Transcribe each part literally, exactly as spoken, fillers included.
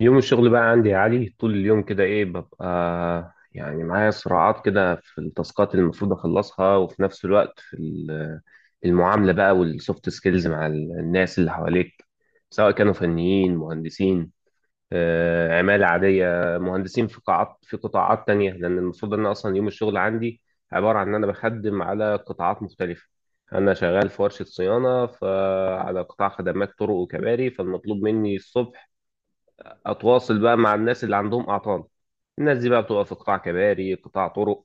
يوم الشغل بقى عندي يا علي طول اليوم كده ايه ببقى يعني معايا صراعات كده في التاسكات اللي المفروض اخلصها وفي نفس الوقت في ال- المعاملة بقى والسوفت سكيلز مع ال- الناس اللي حواليك سواء كانوا فنيين مهندسين، آه، عمالة عادية، مهندسين في قاعات في قطاعات تانية، لأن المفروض أن أصلا يوم الشغل عندي عبارة عن إن أنا بخدم على قطاعات مختلفة. أنا شغال في ورشة صيانة فعلى قطاع خدمات طرق وكباري، فالمطلوب مني الصبح اتواصل بقى مع الناس اللي عندهم اعطال. الناس دي بقى بتبقى في قطاع كباري قطاع طرق،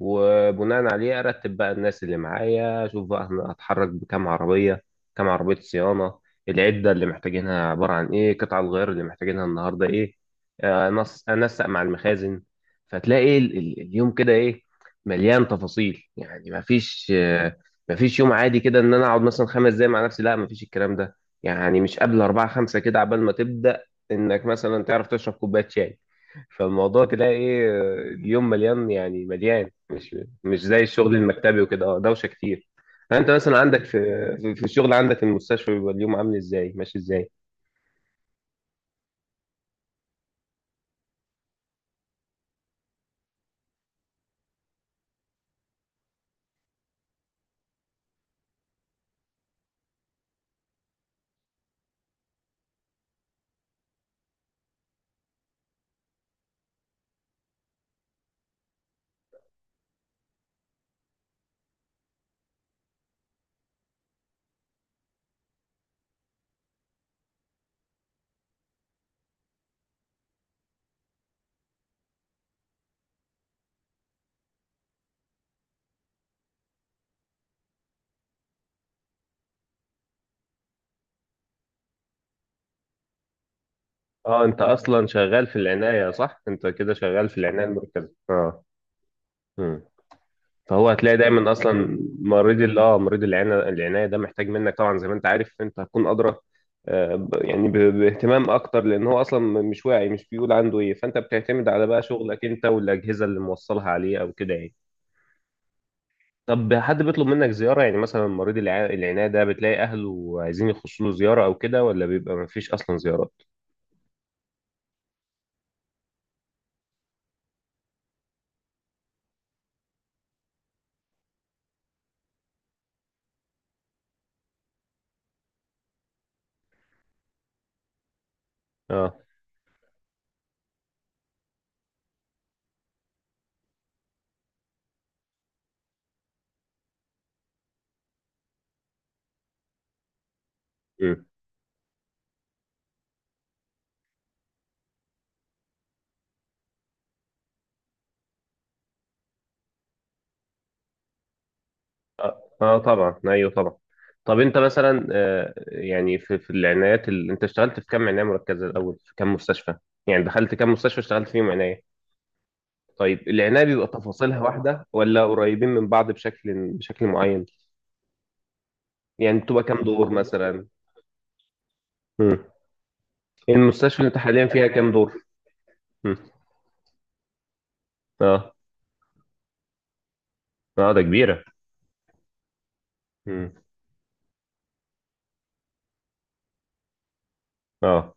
وبناء عليه ارتب بقى الناس اللي معايا، اشوف بقى انا هتحرك بكام عربيه، كام عربيه صيانه، العده اللي محتاجينها عباره عن ايه، قطع الغيار اللي محتاجينها النهارده ايه. آه، انسق أنسق مع المخازن. فتلاقي ال- ال- اليوم كده ايه، مليان تفاصيل، يعني مفيش آه، مفيش يوم عادي كده ان انا اقعد مثلا خمس دقايق مع نفسي، لا مفيش الكلام ده. يعني مش قبل أربعة خمسة كده عبال ما تبدأ انك مثلا تعرف تشرب كوبايه شاي. فالموضوع تلاقي ايه، اليوم مليان، يعني مليان، مش مش زي الشغل المكتبي وكده. اه، دوشه كتير. انت مثلا عندك في في في الشغل عندك المستشفى بيبقى اليوم عامل ازاي، ماشي ازاي؟ اه انت اصلا شغال في العنايه، صح؟ انت كده شغال في العنايه المركزه. اه، فهو هتلاقي دايما اصلا مريض ال- اه مريض العناية العناية ده محتاج منك، طبعا زي ما انت عارف انت هتكون ادرى، آه، ب- يعني ب- باهتمام اكتر، لان هو اصلا م- مش واعي، مش بيقول عنده ايه، فانت بتعتمد على بقى شغلك انت والاجهزه اللي موصلها عليه او كده يعني. طب حد بيطلب منك زياره، يعني مثلا مريض الع- العناية ده بتلاقي اهله عايزين يخشوا له زياره او كده، ولا بيبقى ما فيش اصلا زيارات؟ اه، اه، آه طبعا، ايوه طبعا. طب انت مثلا آه، يعني في في العنايات ال... انت اشتغلت في كم عنايه مركزه الاول، في كم مستشفى، يعني دخلت كم مستشفى اشتغلت فيهم عنايه؟ طيب العنايه بيبقى تفاصيلها واحده ولا قريبين من بعض بشكل بشكل معين؟ يعني بتبقى كم دور مثلا؟ مم. المستشفى اللي انت حاليا فيها كم دور؟ مم. اه، اه ده كبيره. مم. اه.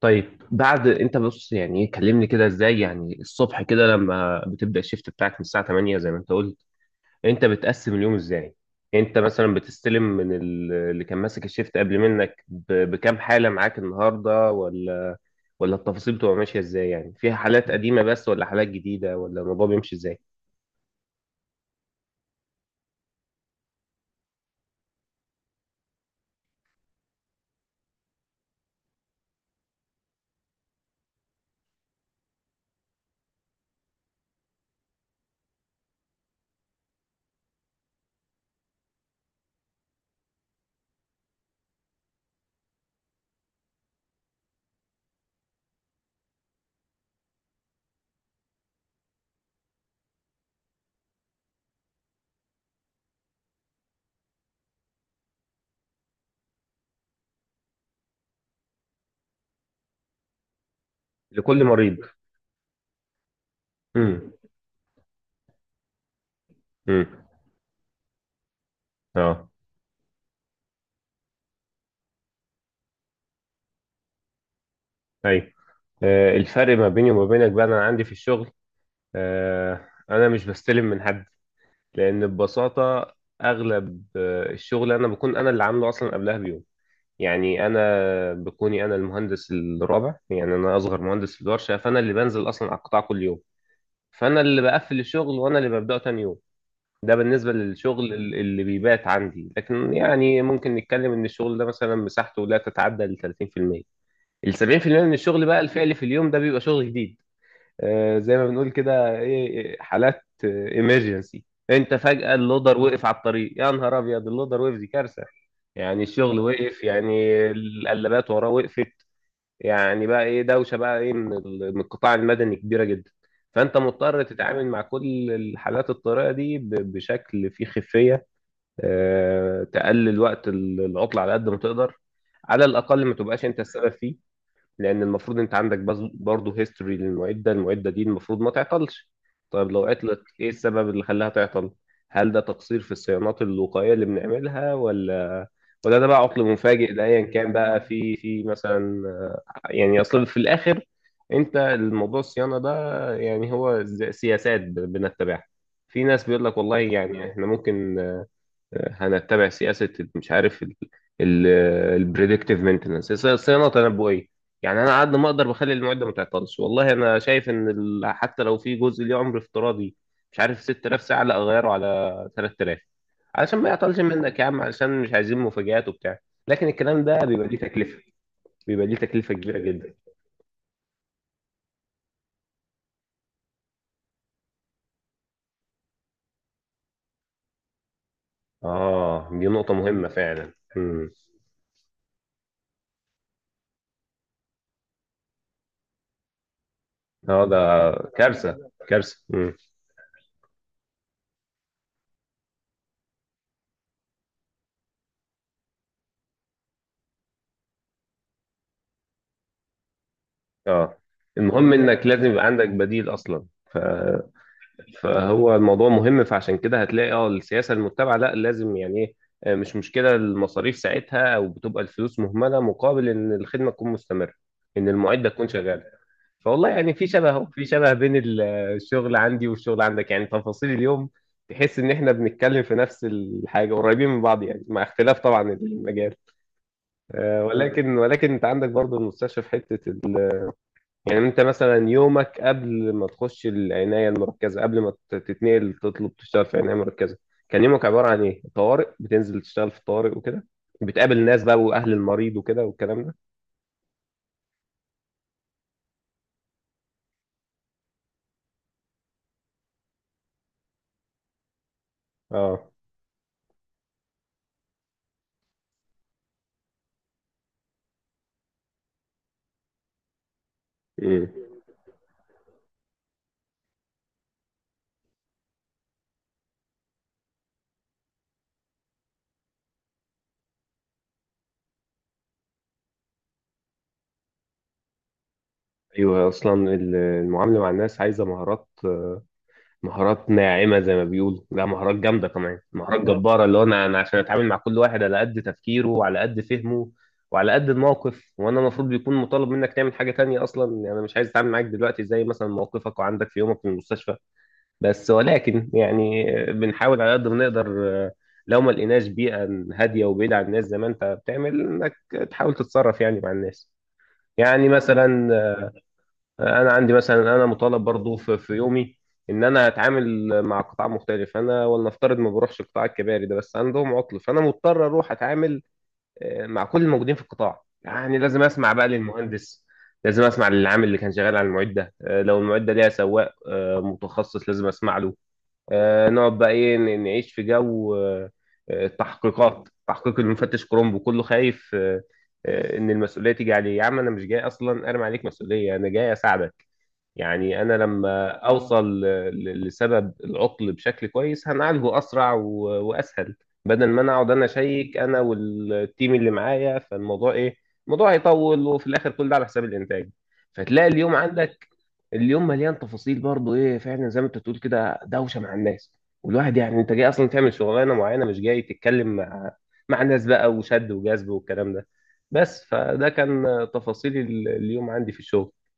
طيب بعد انت بص يعني إيه، كلمني كده ازاي، يعني الصبح كده لما بتبدا الشيفت بتاعك من الساعه تمانية زي ما انت قلت، انت بتقسم اليوم ازاي؟ انت مثلا بتستلم من ال- اللي كان ماسك الشيفت قبل منك ب- بكام حالة معاك النهاردة، ولا ولا التفاصيل بتبقى ماشية ازاي، يعني فيها حالات قديمة بس ولا حالات جديدة، ولا الموضوع بيمشي ازاي؟ لكل مريض. امم، امم، اه، ايوه. آه، الفرق ما بيني وما بينك بقى، انا عندي في الشغل آه، انا مش بستلم من حد، لان ببساطة اغلب آه، الشغل انا بكون انا اللي عامله اصلا قبلها بيوم. يعني انا بكوني انا المهندس الرابع، يعني انا اصغر مهندس في الورشه، فانا اللي بنزل اصلا على القطاع كل يوم، فانا اللي بقفل الشغل وانا اللي ببداه تاني يوم. ده بالنسبه للشغل ال- اللي بيبات عندي، لكن يعني ممكن نتكلم ان الشغل ده مثلا مساحته لا تتعدى ال ثلاثين بالمئة. ال سبعين بالمئة من الشغل بقى الفعلي في اليوم ده بيبقى شغل جديد، آه، زي ما بنقول كده ايه، إيه، حالات ايمرجنسي. انت فجأة اللودر وقف على الطريق، يا نهار ابيض، اللودر وقف دي كارثة. يعني الشغل وقف، يعني القلابات وراه وقفت. يعني بقى ايه دوشة بقى ايه من ال- من القطاع المدني كبيرة جدا. فانت مضطر تتعامل مع كل الحالات الطارئة دي ب- بشكل فيه خفية، آه، تقلل وقت ال- العطلة على قد ما تقدر، على الاقل ما تبقاش انت السبب فيه. لان المفروض انت عندك بس برضه هيستوري للمعده، المعده دي المفروض ما تعطلش. طيب لو عطلت ايه السبب اللي خلاها تعطل؟ هل ده تقصير في الصيانات الوقائيه اللي بنعملها، ولا ولا ده بقى عطل مفاجئ؟ ده ايا كان بقى في في مثلا، يعني اصل في الاخر انت الموضوع الصيانه ده يعني هو زي سياسات ب- بنتبعها. في ناس بيقول لك والله يعني احنا ممكن هنتبع سياسه، مش عارف، البريدكتيف مينتنس، صيانه تنبؤيه. يعني انا على قد ما اقدر بخلي المعده ما تعطلش. والله انا شايف ان ال- حتى لو في جزء ليه عمر افتراضي، مش عارف، ستة آلاف ساعه، لا اغيره على ثلاثة آلاف، علشان ما يعطلش منك يا عم، علشان مش عايزين مفاجآت وبتاع. لكن الكلام ده بيبقى ليه تكلفه، بيبقى ليه تكلفه كبيره جدا. اه دي نقطه مهمه فعلا. امم، اه، ده كارثه كارثه. امم، اه. المهم انك لازم يبقى عندك بديل اصلا. ف فهو الموضوع مهم، فعشان كده هتلاقي اه السياسه المتبعه، لا لازم يعني ايه، آه، مش مشكله المصاريف ساعتها، او بتبقى الفلوس مهمله مقابل ان الخدمه تكون مستمره، ان المعده تكون شغاله. فوالله يعني في شبه اهو، في شبه بين ال- آه الشغل عندي والشغل عندك يعني تفاصيل اليوم. تحس ان احنا بنتكلم في نفس الحاجه، قريبين من بعض يعني، مع اختلاف طبعا المجال. آه، ولكن ولكن انت عندك برضه المستشفى في حته. يعني انت مثلا يومك قبل ما تخش العناية المركزة، قبل ما ت- تتنقل تطلب تشتغل في عناية مركزة، كان يومك عبارة عن ايه؟ طوارئ. بتنزل تشتغل في الطوارئ وكده، بتقابل ناس بقى واهل المريض وكده والكلام ده. اه. امم، ايوه. اصلا ال- المعاملة مع الناس عايزة مهارات، مهارات ناعمة زي ما بيقولوا، لا مهارات جامدة كمان، مهارات جامدة جبارة. اللي هو أنا أنا عشان أتعامل مع كل واحد على قد تفكيره وعلى قد فهمه وعلى قد الموقف، وأنا المفروض بيكون مطالب منك تعمل حاجة تانية أصلا. يعني أنا مش عايز أتعامل معاك دلوقتي زي مثلا موقفك وعندك في يومك في المستشفى، بس ولكن يعني بنحاول على قد ما نقدر. آه، لو ما لقيناش بيئة هادية وبعيدة عن الناس زي ما أنت بتعمل، إنك تحاول تتصرف يعني مع الناس. يعني مثلا انا عندي، مثلا انا مطالب برضو في, في يومي ان انا اتعامل مع قطاع مختلف، انا ولنفترض ما بروحش القطاع الكباري ده، بس عندهم عطل فانا مضطر اروح اتعامل آه، مع كل الموجودين في القطاع. يعني لازم اسمع بقى للمهندس، لازم اسمع للعامل اللي كان شغال على المعده، آه، لو المعده ليها سواق آه، متخصص لازم اسمع له. آه، نقعد بقى ايه ن- نعيش في جو آه، آه، التحقيقات، تحقيق المفتش كرومبو، كله خايف آه، آه، ان المسؤوليه تيجي عليه. يا عم انا مش جاي اصلا ارمي عليك مسؤوليه، انا جاي اساعدك. يعني انا لما اوصل ل- ل- لسبب العطل بشكل كويس هنعالجه اسرع و- واسهل، بدل ما انا اقعد انا اشيك انا والتيم اللي معايا فالموضوع ايه. الموضوع هيطول وفي الاخر كل ده على حساب الانتاج. فتلاقي اليوم عندك اليوم مليان تفاصيل برضو ايه فعلا زي ما انت تقول كده، دوشه مع الناس. والواحد يعني انت جاي اصلا تعمل شغلانه معينه مش جاي تتكلم مع مع ناس بقى وشد وجذب والكلام ده بس. فده كان تفاصيل ال- اليوم عندي في الشغل.